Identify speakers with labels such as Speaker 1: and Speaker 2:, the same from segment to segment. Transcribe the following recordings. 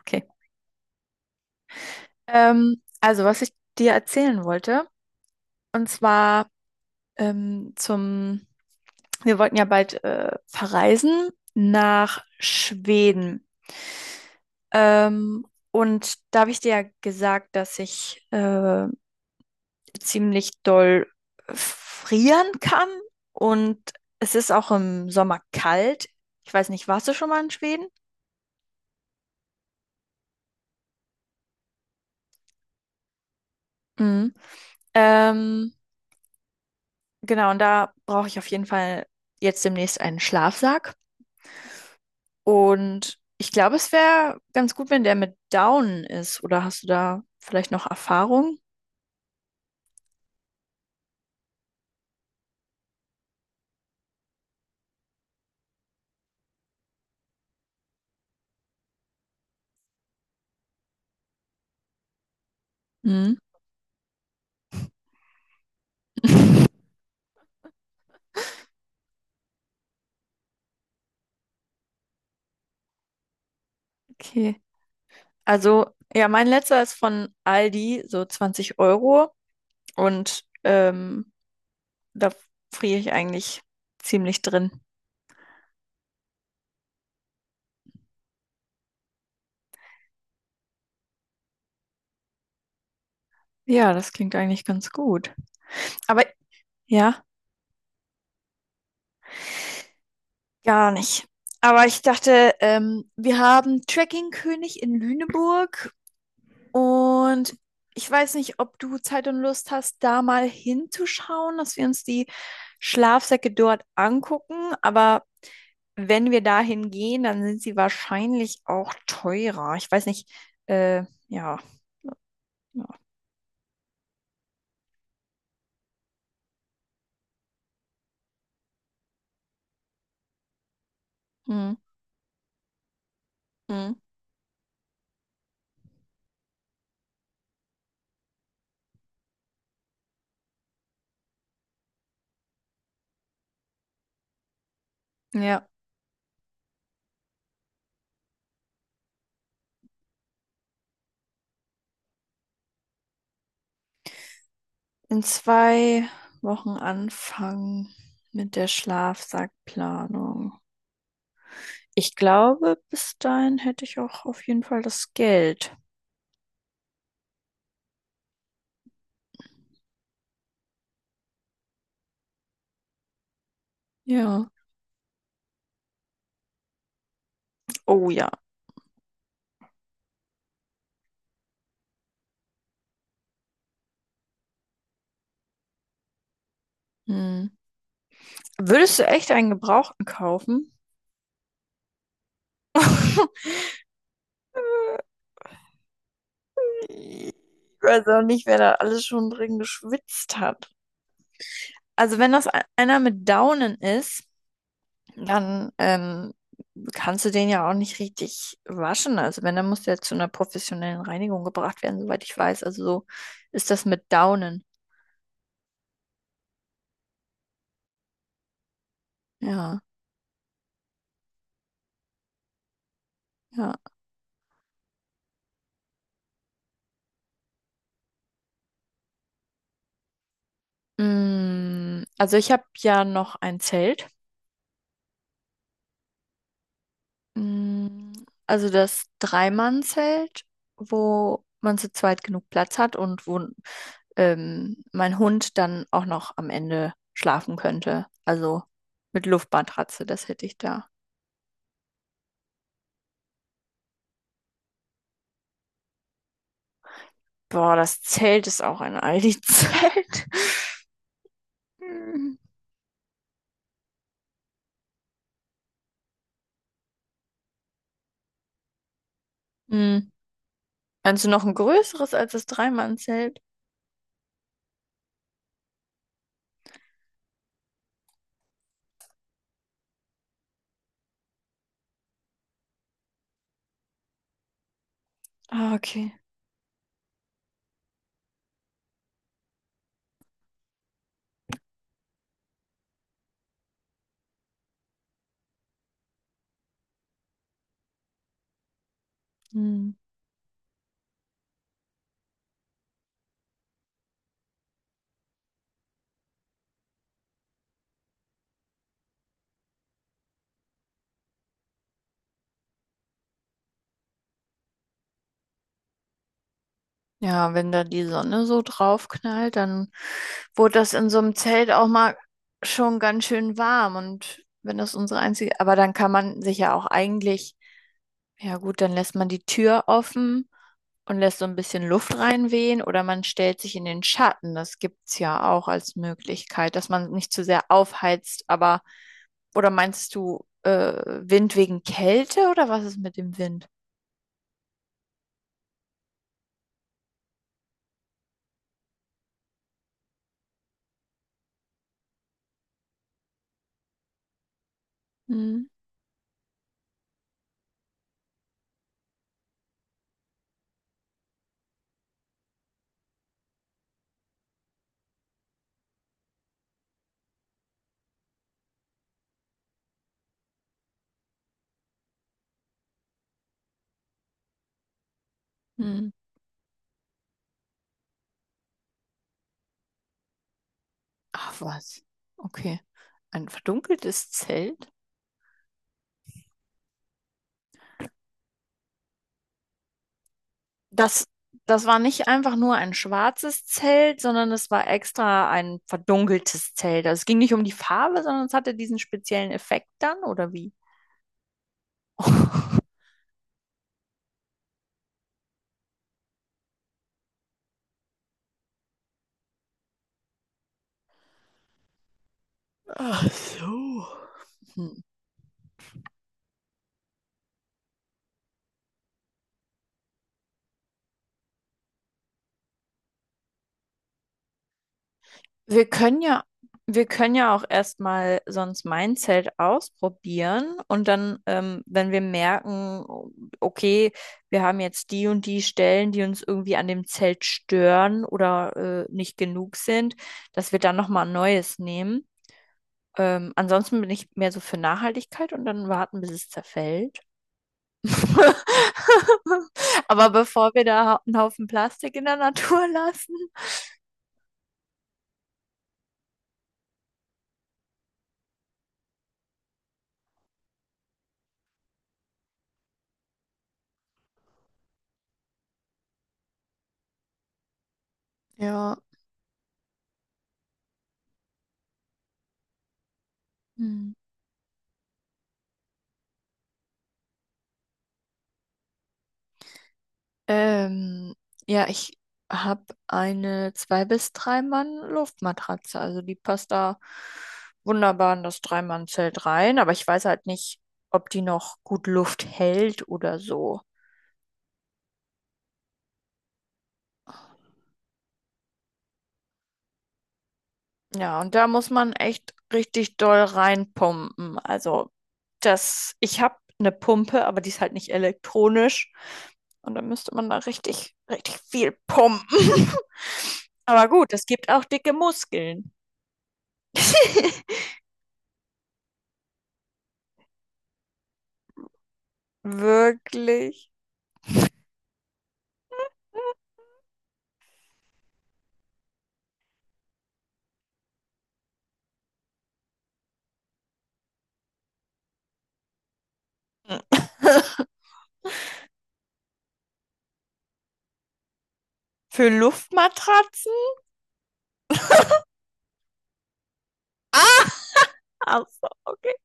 Speaker 1: Okay. Also, was ich dir erzählen wollte, und zwar ähm, zum, wir wollten ja bald verreisen nach Schweden. Ähm, und da habe ich dir ja gesagt, dass ich ziemlich doll frieren kann und es ist auch im Sommer kalt. Ich weiß nicht, warst du schon mal in Schweden? Mhm. Ähm, genau, und da brauche ich auf jeden Fall jetzt demnächst einen Schlafsack. Und ich glaube, es wäre ganz gut, wenn der mit Down ist. Oder hast du da vielleicht noch Erfahrung? Hm. Okay. Also, ja, mein letzter ist von Aldi, so 20 Euro. Und da friere ich eigentlich ziemlich drin. Ja, das klingt eigentlich ganz gut. Aber ja, gar nicht. Aber ich dachte, wir haben König in Lüneburg. Und ich weiß nicht, ob du Zeit und Lust hast, da mal hinzuschauen, dass wir uns die Schlafsäcke dort angucken. Aber wenn wir dahin gehen, dann sind sie wahrscheinlich auch teurer. Ich weiß nicht, ja, ja. Hm, hm. Ja, in 2 Wochen anfangen mit der Schlafsackplanung. Ich glaube, bis dahin hätte ich auch auf jeden Fall das Geld. Ja. Oh ja. Hm. Würdest du echt einen Gebrauchten kaufen? Ich weiß auch nicht, wer da alles schon drin geschwitzt hat. Also wenn das einer mit Daunen ist, dann kannst du den ja auch nicht richtig waschen. Also wenn, dann muss der zu einer professionellen Reinigung gebracht werden, soweit ich weiß. Also so ist das mit Daunen. Ja, ja. Also ich habe ja noch ein Zelt. Mm, Also das Dreimannzelt, wo man zu zweit genug Platz hat und wo mein Hund dann auch noch am Ende schlafen könnte. Also mit Luftmatratze, das hätte ich da. Boah, das Zelt ist auch ein Aldi-Zelt. Hm. Hm. Meinst du noch ein größeres als das Dreimannzelt? Ah, okay. Hm. Ja, wenn da die Sonne so drauf knallt, dann wurde das in so einem Zelt auch mal schon ganz schön warm. Und wenn das unsere einzige, aber dann kann man sich ja auch eigentlich, ja gut, dann lässt man die Tür offen und lässt so ein bisschen Luft reinwehen oder man stellt sich in den Schatten. Das gibt's ja auch als Möglichkeit, dass man nicht zu sehr aufheizt, aber, oder meinst du, Wind wegen Kälte oder was ist mit dem Wind? Hm, hm. Ach was. Okay. Ein verdunkeltes Zelt. Das, das war nicht einfach nur ein schwarzes Zelt, sondern es war extra ein verdunkeltes Zelt. Also es ging nicht um die Farbe, sondern es hatte diesen speziellen Effekt dann, oder wie? Ach so. Hm. Wir können ja, wir können ja auch erstmal sonst mein Zelt ausprobieren und dann, wenn wir merken, okay, wir haben jetzt die und die Stellen, die uns irgendwie an dem Zelt stören oder nicht genug sind, dass wir dann nochmal ein neues nehmen. Ansonsten bin ich mehr so für Nachhaltigkeit und dann warten, bis es zerfällt. Aber bevor wir da einen Haufen Plastik in der Natur lassen. Ja. Hm. Ähm, ja, ich habe eine 2 bis 3 Mann Luftmatratze, also die passt da wunderbar in das Drei-Mann-Zelt rein, aber ich weiß halt nicht, ob die noch gut Luft hält oder so. Ja, und da muss man echt richtig doll reinpumpen. Also das, ich habe eine Pumpe, aber die ist halt nicht elektronisch und da müsste man da richtig, richtig viel pumpen. Aber gut, es gibt auch dicke Muskeln. Wirklich? Für Luftmatratzen? Ah! Ach so, okay.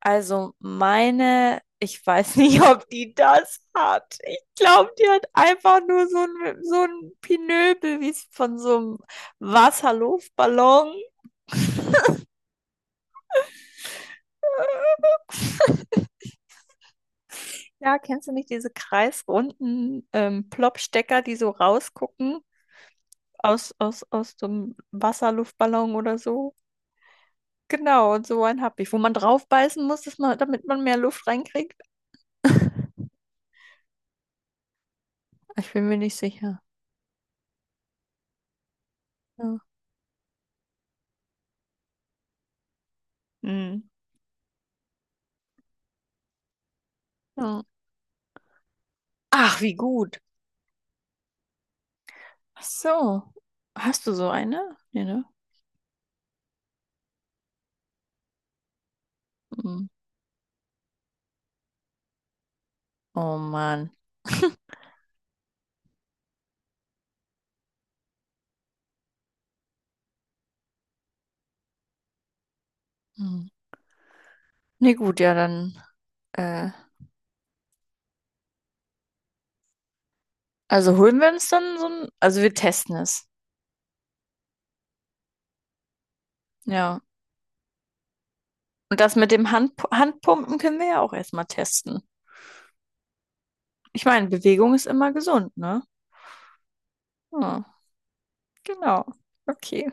Speaker 1: Also meine, ich weiß nicht, ob die das hat. Ich glaube, die hat einfach nur so ein Pinöbel, wie es von so einem Wasserluftballon. Ja, kennst du nicht diese kreisrunden Plopstecker, die so rausgucken aus so einem Wasserluftballon oder so? Genau, und so einen habe ich, wo man drauf beißen muss, dass man, damit man mehr Luft reinkriegt. Ich bin mir nicht sicher. Ja. Hm. Ja. Ach, wie gut. Ach so. Hast du so eine? Nee, ne? Hm. Oh Mann. Hm. Nee, gut, ja, dann. Äh, also holen wir uns dann so ein. Also wir testen es. Ja. Und das mit dem Handpumpen können wir ja auch erstmal testen. Ich meine, Bewegung ist immer gesund, ne? Ja, genau. Okay.